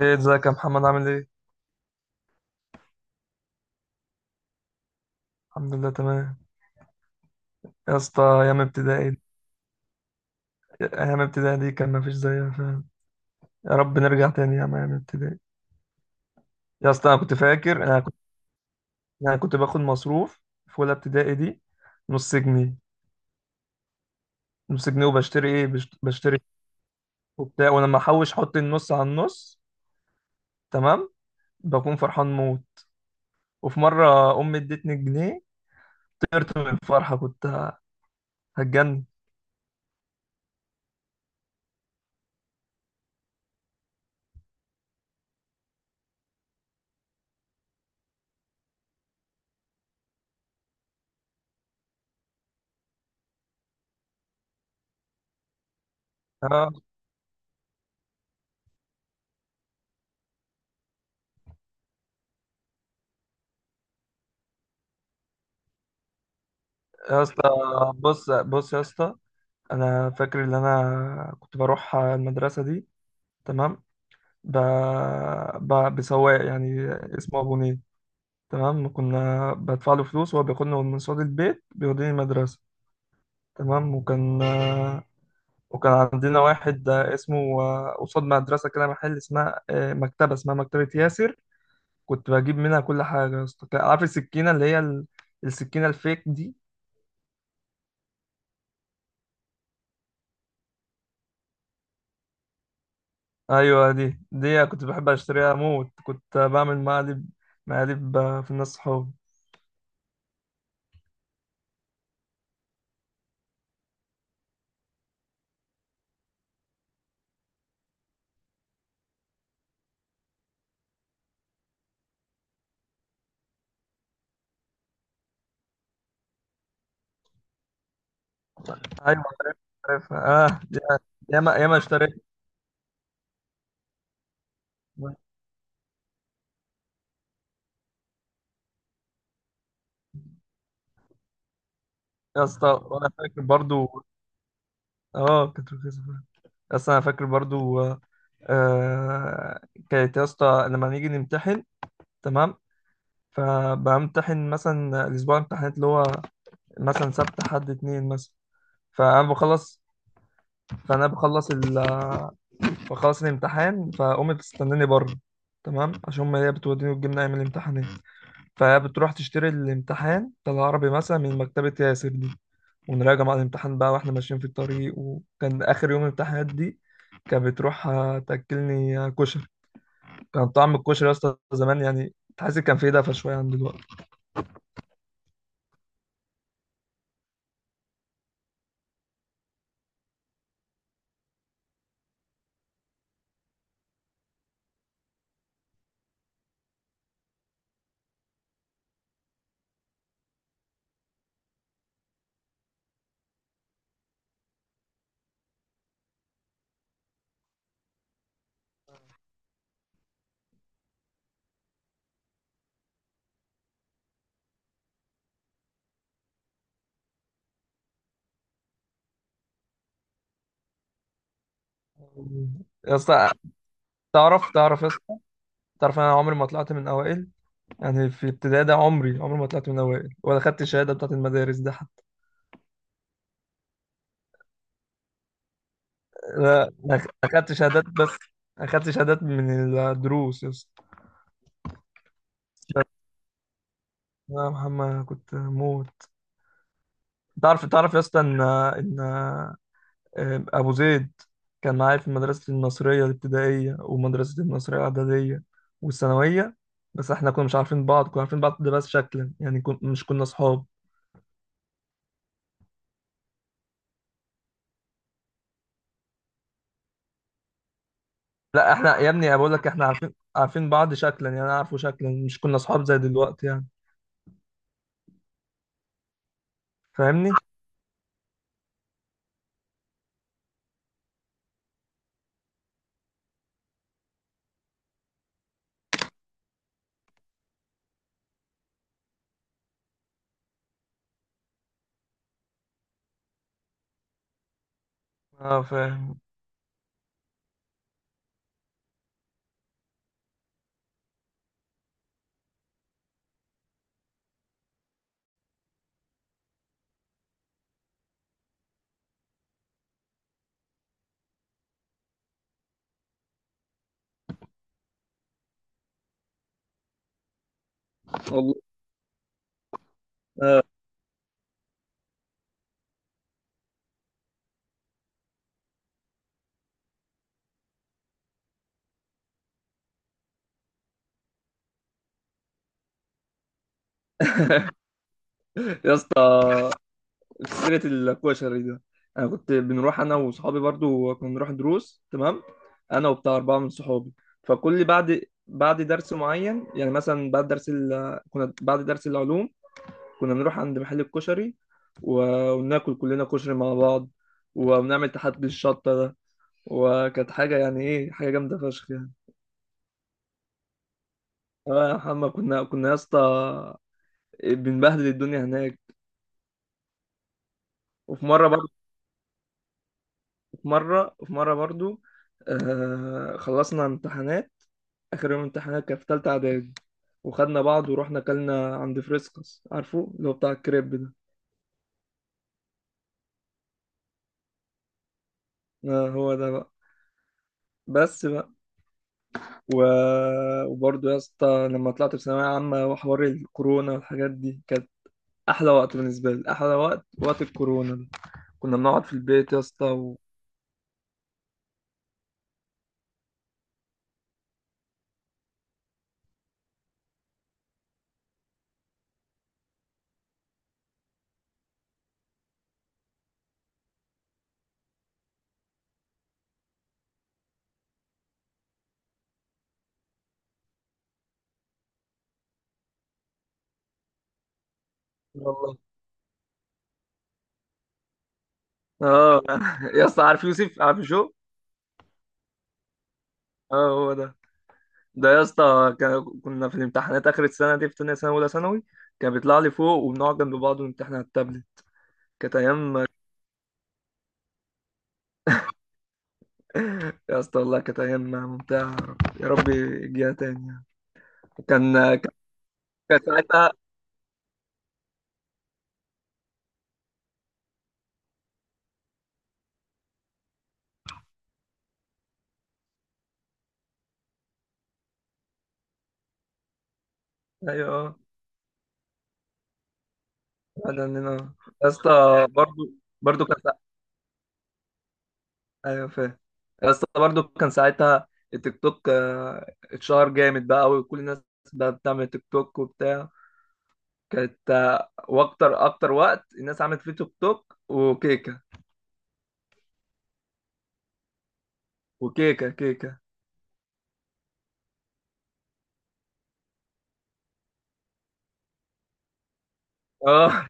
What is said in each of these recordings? ايه ازيك يا محمد، عامل ايه؟ الحمد لله تمام. يا اسطى، ايام ابتدائي. ايام ابتدائي دي كان مفيش زيها فعلا. يا رب نرجع تاني يا ايام ابتدائي. يا اسطى، انا كنت فاكر، انا كنت باخد مصروف في اولى ابتدائي دي. نص جنيه. نص جنيه وبشتري ايه، بشتري وبتاع. ولما احوش احط النص على النص، تمام، بكون فرحان موت. وفي مره امي ادتني جنيه، طرت من الفرحه كنت هتجنن. اه. يا اسطى، بص بص يا اسطى. انا فاكر ان انا كنت بروح المدرسه دي، تمام، ب... بسواق يعني اسمه ابو نيل. تمام. كنا بدفع له فلوس وهو بياخدني من صاله البيت بيوديني المدرسه. تمام. وكان وكان عندنا واحد اسمه، قصاد مدرسه كده محل اسمها مكتبه اسمها مكتبه ياسر. كنت بجيب منها كل حاجه يا اسطى. عارف السكينه اللي هي السكينه الفيك دي؟ ايوه دي كنت بحب اشتريها موت. كنت بعمل مقالب. مقالب في الناس صحابي. ايوه عارفها. اه ياما ياما اشتريت. يا اسطى وانا فاكر برضو. اه، كانت رخيصه فعلا. بس انا فاكر برضو آه، كانت يا اسطى لما نيجي نمتحن، تمام، فبمتحن مثلا الاسبوع الامتحانات اللي هو مثلا سبت حد اتنين مثلا، فانا بخلص. فانا بخلص. فخلاص الامتحان فقامت بتستناني بره، تمام، عشان هما هي بتوديني وتجيبني ايام الامتحانات. فهي بتروح تشتري الامتحان بتاع العربي مثلا من مكتبة ياسر دي ونراجع مع الامتحان بقى واحنا ماشيين في الطريق. وكان اخر يوم الامتحانات دي كانت بتروح تاكلني كشري. كان طعم الكشري يا اسطى زمان، يعني تحس كان فيه دفى شويه عن دلوقتي. يا اسطى تعرف يا اسطى. تعرف انا عمري ما طلعت من اوائل. يعني في ابتدائي ده عمري عمري ما طلعت من اوائل ولا خدت الشهاده بتاعت المدارس ده. لا أنا أخدت شهادات. بس أخدت شهادات من الدروس يا اسطى. يا محمد كنت موت. تعرف يا اسطى إن أبو زيد كان معايا في مدرسة المصرية الابتدائية ومدرسة المصرية الإعدادية والثانوية. بس احنا كنا مش عارفين بعض، كنا عارفين بعض ده بس شكلا، يعني مش كنا صحاب. لا احنا يا ابني بقول لك احنا عارفين عارفين بعض شكلا، يعني انا عارفه شكلا، مش كنا صحاب زي دلوقتي يعني. فاهمني؟ اه فاهم. والله يا اسطى، سيرة القوة الشريرة. أنا كنت بنروح أنا وصحابي برضو، كنا بنروح دروس، تمام، أنا وبتاع أربعة من صحابي. فكل بعد، بعد درس معين، يعني مثلا بعد درس كنا بعد درس العلوم كنا بنروح عند محل الكشري و... وناكل كلنا كشري مع بعض وبنعمل تحدي الشطة ده. وكانت حاجة، يعني إيه، حاجة جامدة فشخ يعني. آه يا محمد كنا يا اسطى بنبهدل الدنيا هناك. وفي مرة برضو، مرة وفي مرة برضو آه خلصنا امتحانات. آخر يوم امتحانات كان في تالتة إعدادي وخدنا بعض ورحنا أكلنا عند فريسكس، عارفه اللي هو بتاع الكريب ده. آه هو ده بقى. بس بقى. و... وبرضه يا اسطى لما طلعت في ثانوية عامة وحوار الكورونا والحاجات دي، كانت أحلى وقت بالنسبة لي. أحلى وقت وقت الكورونا ده كنا بنقعد في البيت يا اسطى. و... والله. اه. يا اسطى، عارف يوسف؟ عارف شو. اه هو ده. ده يا اسطى كنا في الامتحانات اخر السنه دي في تانية سنه اولى ثانوي كان بيطلع لي فوق وبنقعد جنب بعض ونمتحن على التابلت. كانت ايام. يا اسطى والله كانت ايام ممتعه. يا رب يجيها تاني يعني. كان كان كان ساعتها. ايوه أيوه، بعد عننا. يا اسطى برضو، كان ساعتها. ايوه فاهم. يا اسطى برضو كان ساعتها التيك توك اتشهر جامد بقى وكل الناس بقى بتعمل تيك توك وبتاع. كانت واكتر اكتر وقت الناس عملت فيه تيك توك وكيك وكيكه كيكه. اه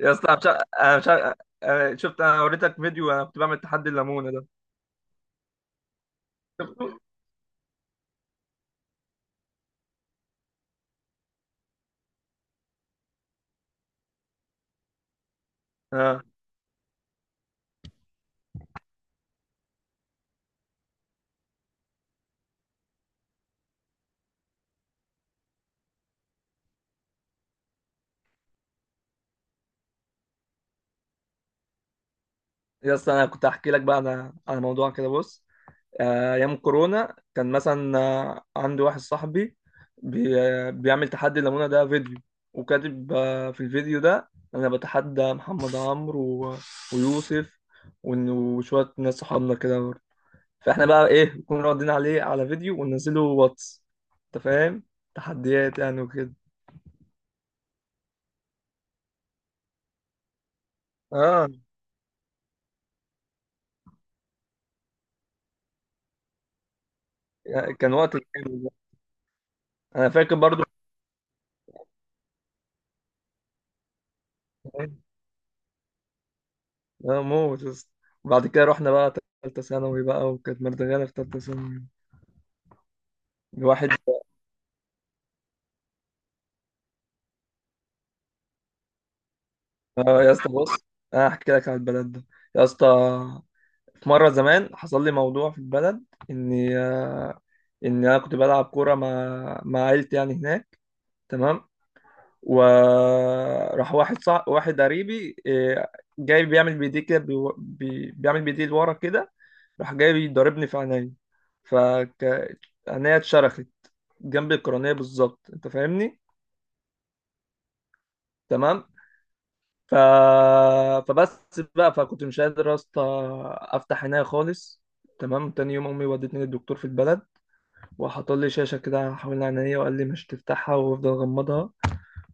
يا اسطى أنا مش عارف- انا مش عارف- أنا شفت. انا وريتك فيديو انا كنت بعمل تحدي الليمونه ده. شفته. اه يا اسطى انا كنت احكي لك بقى انا على موضوع كده، بص، ايام كورونا كان مثلا عندي واحد صاحبي بي آه، بيعمل تحدي الليمونه ده فيديو وكاتب في الفيديو ده انا بتحدى محمد عمرو و- ويوسف وشويه ناس صحابنا كده. فاحنا بقى ايه نكون راضيين عليه على فيديو وننزله واتس. انت فاهم؟ تحديات يعني وكده. اه يعني كان وقت جامد بقى. انا فاكر برضو اه موت يا اسطى. وبعد كده رحنا بقى تالتة ثانوي بقى وكانت مردغانا في تالتة ثانوي. الواحد. اه يا اسطى، بص، انا هحكي لك على البلد ده. يا اسطى في مرة زمان حصل لي موضوع في البلد اني آه، ان انا كنت بلعب كورة مع عيلتي يعني هناك، تمام، وراح واحد واحد قريبي جاي بيعمل بايديه كده، بيعمل بايديه لورا كده، راح جاي بيضربني في عينيا، ف عينيا اتشرخت جنب القرنية بالظبط. انت فاهمني؟ تمام. ف... فبس بقى فكنت مش قادر يا اسطى افتح عينيا خالص. تمام. تاني يوم امي ودتني للدكتور في البلد وحط لي شاشه كده حوالين عينيا وقال لي مش تفتحها وافضل غمضها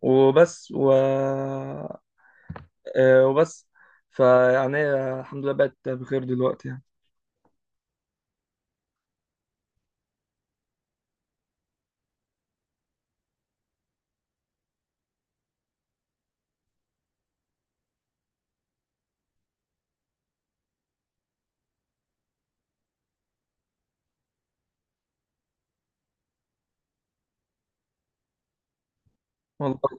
وبس و آه، وبس فيعني هي الحمد لله بقت بخير دلوقتي يعني. والله.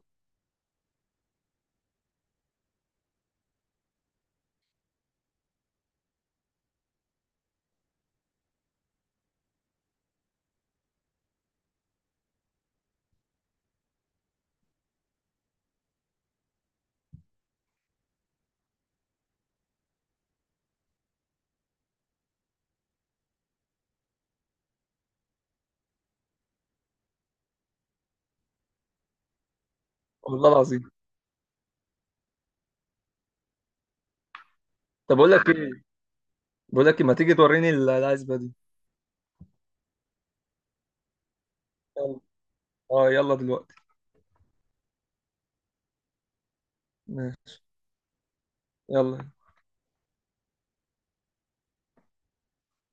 والله العظيم. طب اقول لك ايه. بقول لك ما تيجي توريني العزبه دي. يلا. اه يلا دلوقتي. ماشي. يلا.